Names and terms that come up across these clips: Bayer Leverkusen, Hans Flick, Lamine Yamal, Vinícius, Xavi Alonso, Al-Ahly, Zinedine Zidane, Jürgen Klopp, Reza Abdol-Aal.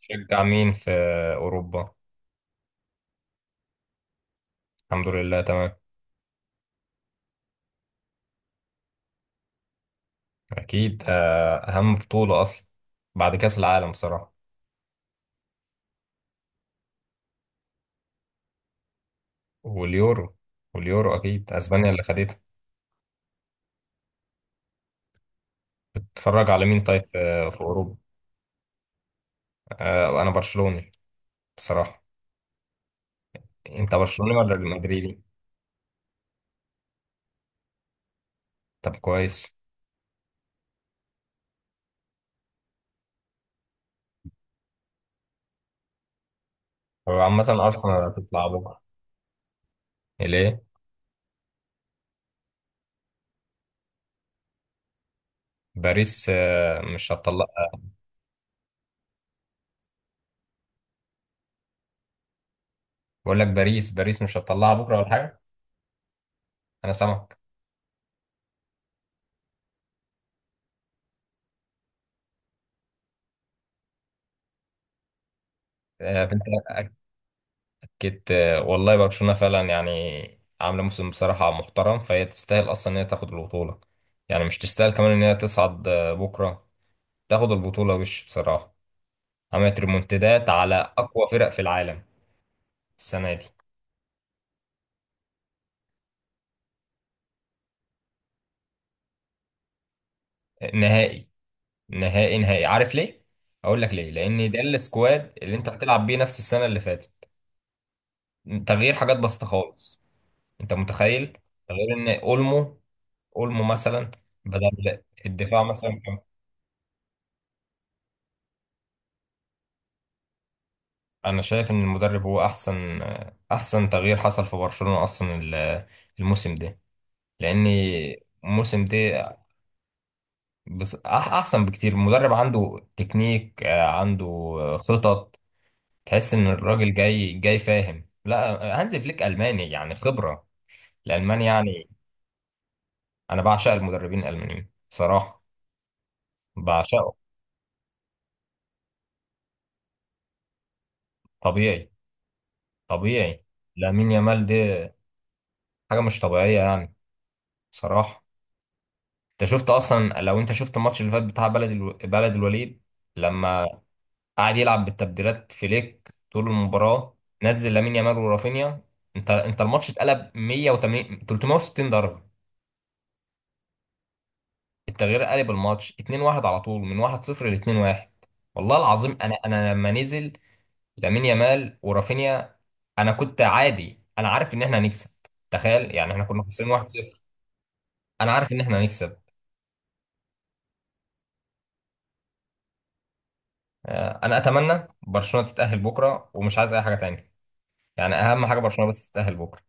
شجع مين في أوروبا؟ الحمد لله تمام. أكيد أهم بطولة أصلا بعد كأس العالم بصراحة. واليورو واليورو أكيد أسبانيا اللي خدتها. بتتفرج على مين طيب في أوروبا؟ أنا برشلوني بصراحة. أنت برشلوني ولا مدريدي؟ طب كويس. هو عامة أرسنال هتطلع بكرة، ليه؟ باريس مش هتطلع. بقول لك باريس مش هتطلعها بكرة ولا حاجة؟ أنا سامعك. أنت كنت، والله برشلونة فعلا يعني عاملة موسم بصراحة محترم، فهي تستاهل أصلا إن هي تاخد البطولة. يعني مش تستاهل كمان إن هي تصعد بكرة تاخد البطولة وش بصراحة. عملت ريمونتادات على أقوى فرق في العالم السنة دي. نهائي نهائي، عارف ليه؟ أقول لك ليه، لأن ده السكواد اللي أنت بتلعب بيه نفس السنة اللي فاتت. تغيير حاجات بسيطة خالص. أنت متخيل؟ غير إن أولمو مثلا بدل الدفاع مثلا. انا شايف ان المدرب هو احسن تغيير حصل في برشلونة اصلا، الموسم ده لان الموسم ده. بس احسن بكتير المدرب، عنده تكنيك، عنده خطط. تحس ان الراجل جاي جاي فاهم، لا. هانز فليك الماني يعني خبرة، الالماني يعني. انا بعشق المدربين الالمانيين بصراحة، بعشقه. طبيعي، طبيعي. لامين يامال ده حاجة مش طبيعية يعني بصراحة. انت شفت اصلا، لو انت شفت الماتش اللي فات بتاع بلد الوليد، لما قعد يلعب بالتبديلات فليك طول المباراه. نزل لامين يامال ورافينيا. انت الماتش اتقلب 180 360 درجه. التغيير قلب الماتش 2-1 على طول من 1-0 ل 2-1. والله العظيم انا لما نزل لامين يامال ورافينيا، انا كنت عادي، انا عارف ان احنا هنكسب. تخيل يعني احنا كنا خسرانين 1-0. انا عارف ان احنا هنكسب. انا اتمنى برشلونه تتاهل بكره ومش عايز اي حاجه تانية. يعني اهم حاجه برشلونه بس تتاهل بكره.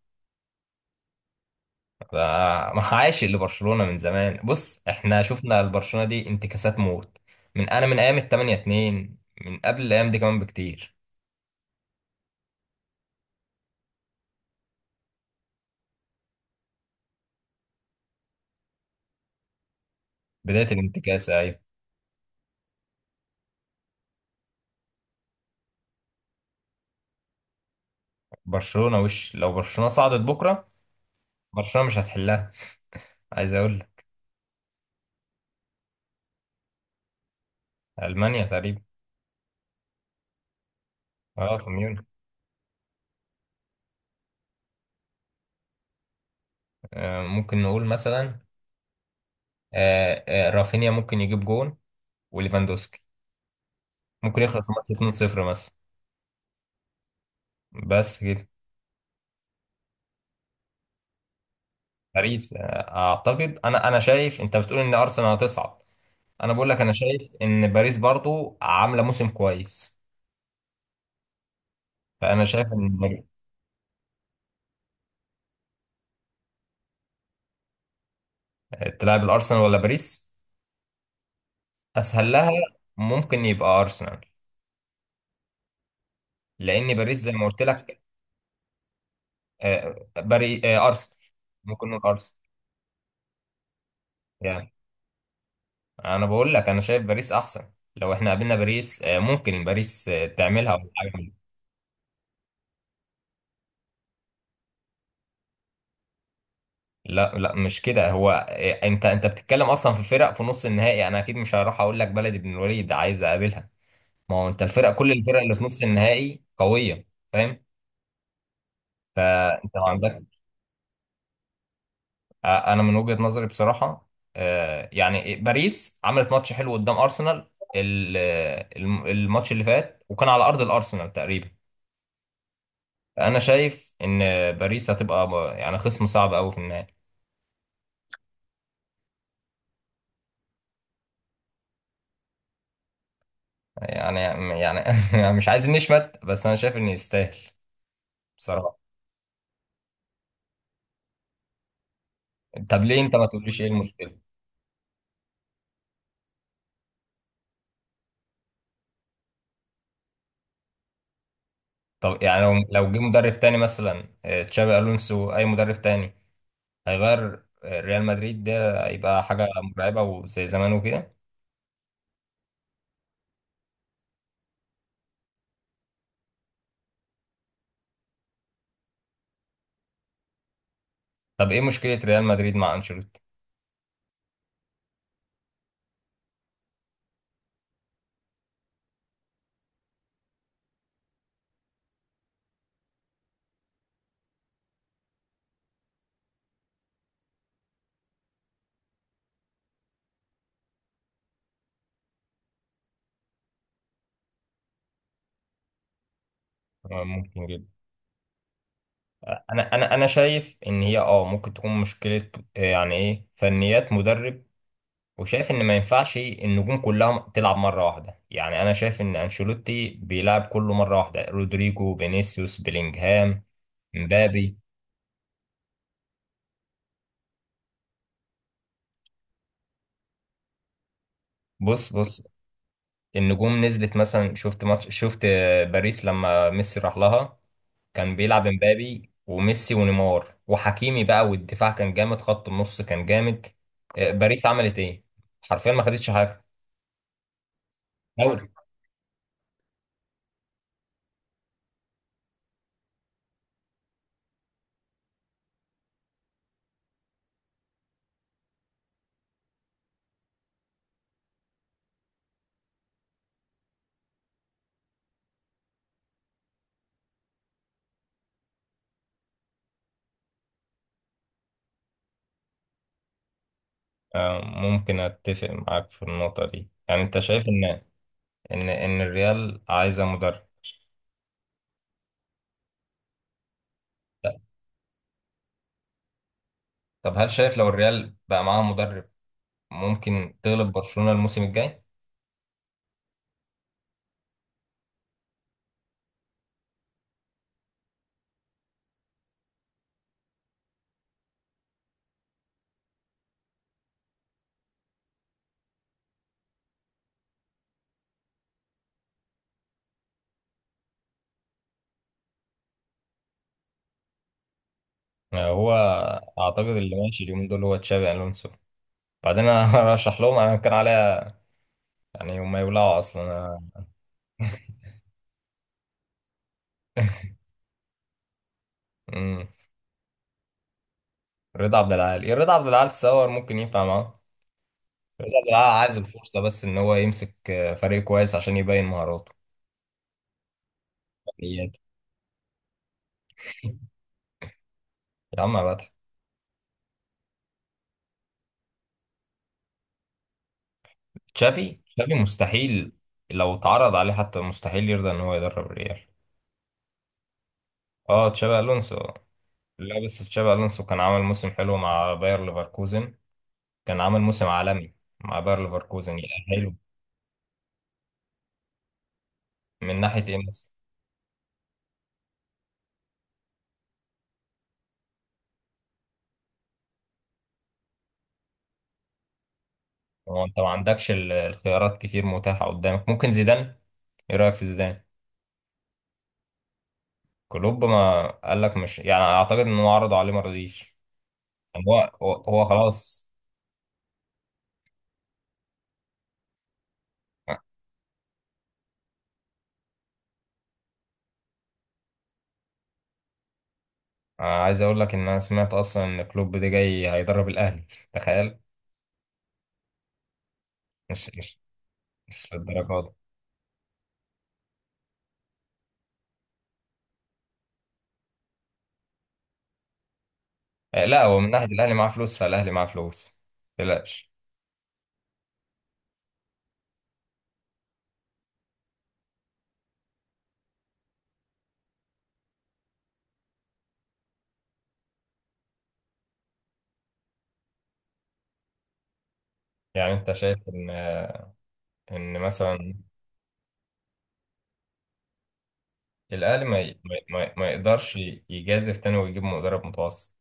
ده- ما عايش لبرشلونه من زمان. بص احنا شفنا البرشلونه دي انتكاسات موت من ايام ال 8 2، من قبل الايام دي كمان بكتير. بدايه الانتكاسه، ايوه. برشلونه وش، لو برشلونه صعدت بكره برشلونه مش هتحلها، عايز اقول لك. المانيا تقريبا. اه كوميون. ممكن نقول مثلا، رافينيا ممكن يجيب جون وليفاندوسكي ممكن يخلص الماتش 2-0 مثلا، بس كده. باريس اعتقد، انا انا شايف انت بتقول ان ارسنال هتصعد. انا بقول لك انا شايف ان باريس برضو عامله موسم كويس. فانا شايف ان تلعب الارسنال ولا باريس اسهل لها. ممكن يبقى ارسنال لان باريس زي ما قلت لك. آه، باري آه، ارسنال. ممكن نقول ارسنال يعني. انا بقول لك انا شايف باريس احسن، لو احنا قابلنا باريس ممكن باريس تعملها ولا حاجه. لا لا مش كده، هو انت بتتكلم اصلا في فرق في نص النهائي، انا اكيد مش هروح اقول لك بلدي بن الوليد عايز اقابلها. ما هو انت الفرق، كل الفرق اللي في نص النهائي قويه، فاهم. فانت ما عندك. انا من وجهه نظري بصراحه، يعني باريس عملت ماتش حلو قدام ارسنال، الماتش اللي فات وكان على ارض الارسنال تقريبا. انا شايف ان باريس هتبقى يعني خصم صعب قوي في النهائي. يعني يعني مش عايز نشمت بس انا شايف ان يستاهل بصراحه. طب ليه انت ما تقوليش ايه المشكله؟ طب يعني لو جه مدرب تاني مثلا، تشابي الونسو اي مدرب تاني، هيغير ريال مدريد، ده هيبقى حاجه مرعبه وزي زمان وكده. طب ايه مشكله ريال مدريد مع انشيلوتي؟ ممكن جدا. انا شايف ان هي اه ممكن تكون مشكله. يعني ايه فنيات مدرب. وشايف ان ما ينفعش النجوم كلها تلعب مره واحده، يعني انا شايف ان انشيلوتي بيلعب كله مره واحده، رودريجو فينيسيوس بيلينجهام مبابي. بص بص، النجوم نزلت مثلا. شفت ماتش، شفت باريس لما ميسي راح لها، كان بيلعب امبابي وميسي ونيمار وحكيمي بقى، والدفاع كان جامد، خط النص كان جامد. باريس عملت ايه؟ حرفيا ما خدتش حاجة، دوري. ممكن اتفق معاك في النقطة دي. يعني انت شايف ان الريال عايزة مدرب. طب هل شايف لو الريال بقى معاه مدرب ممكن تغلب برشلونة الموسم الجاي؟ هو اعتقد اللي ماشي اليومين دول هو تشابي الونسو. بعدين انا ارشح لهم انا كان عليا، يعني هم يولعوا اصلا. أمم. رضا عبد العال، رضا عبد العال تصور ممكن ينفع معاه. رضا عبد العال عايز الفرصه بس ان هو يمسك فريق كويس عشان يبين مهاراته، فنياته. يا عم يا فتحي. تشافي مستحيل. لو اتعرض عليه حتى مستحيل يرضى ان هو يدرب الريال. اه تشابي الونسو. لا بس تشابي الونسو كان عامل موسم حلو مع باير ليفركوزن، كان عامل موسم عالمي مع باير ليفركوزن يأهله. من ناحيه ايه؟ هو انت ما عندكش الخيارات كتير متاحة قدامك، ممكن زيدان. ايه رأيك في زيدان؟ كلوب ما قال لك مش يعني، اعتقد انه عرض عليه ما رضيش. يعني هو خلاص. أنا عايز اقول لك ان انا سمعت اصلا ان كلوب ده جاي هيدرب الاهلي، تخيل. مش مش مش للدرجة دي. لا هو من ناحية الاهلي معاه فلوس، فالاهلي معاه فلوس، متقلقش. يعني انت شايف ان ان مثلا الاهلي ما يقدرش يجازف تاني ويجيب مدرب متوسط.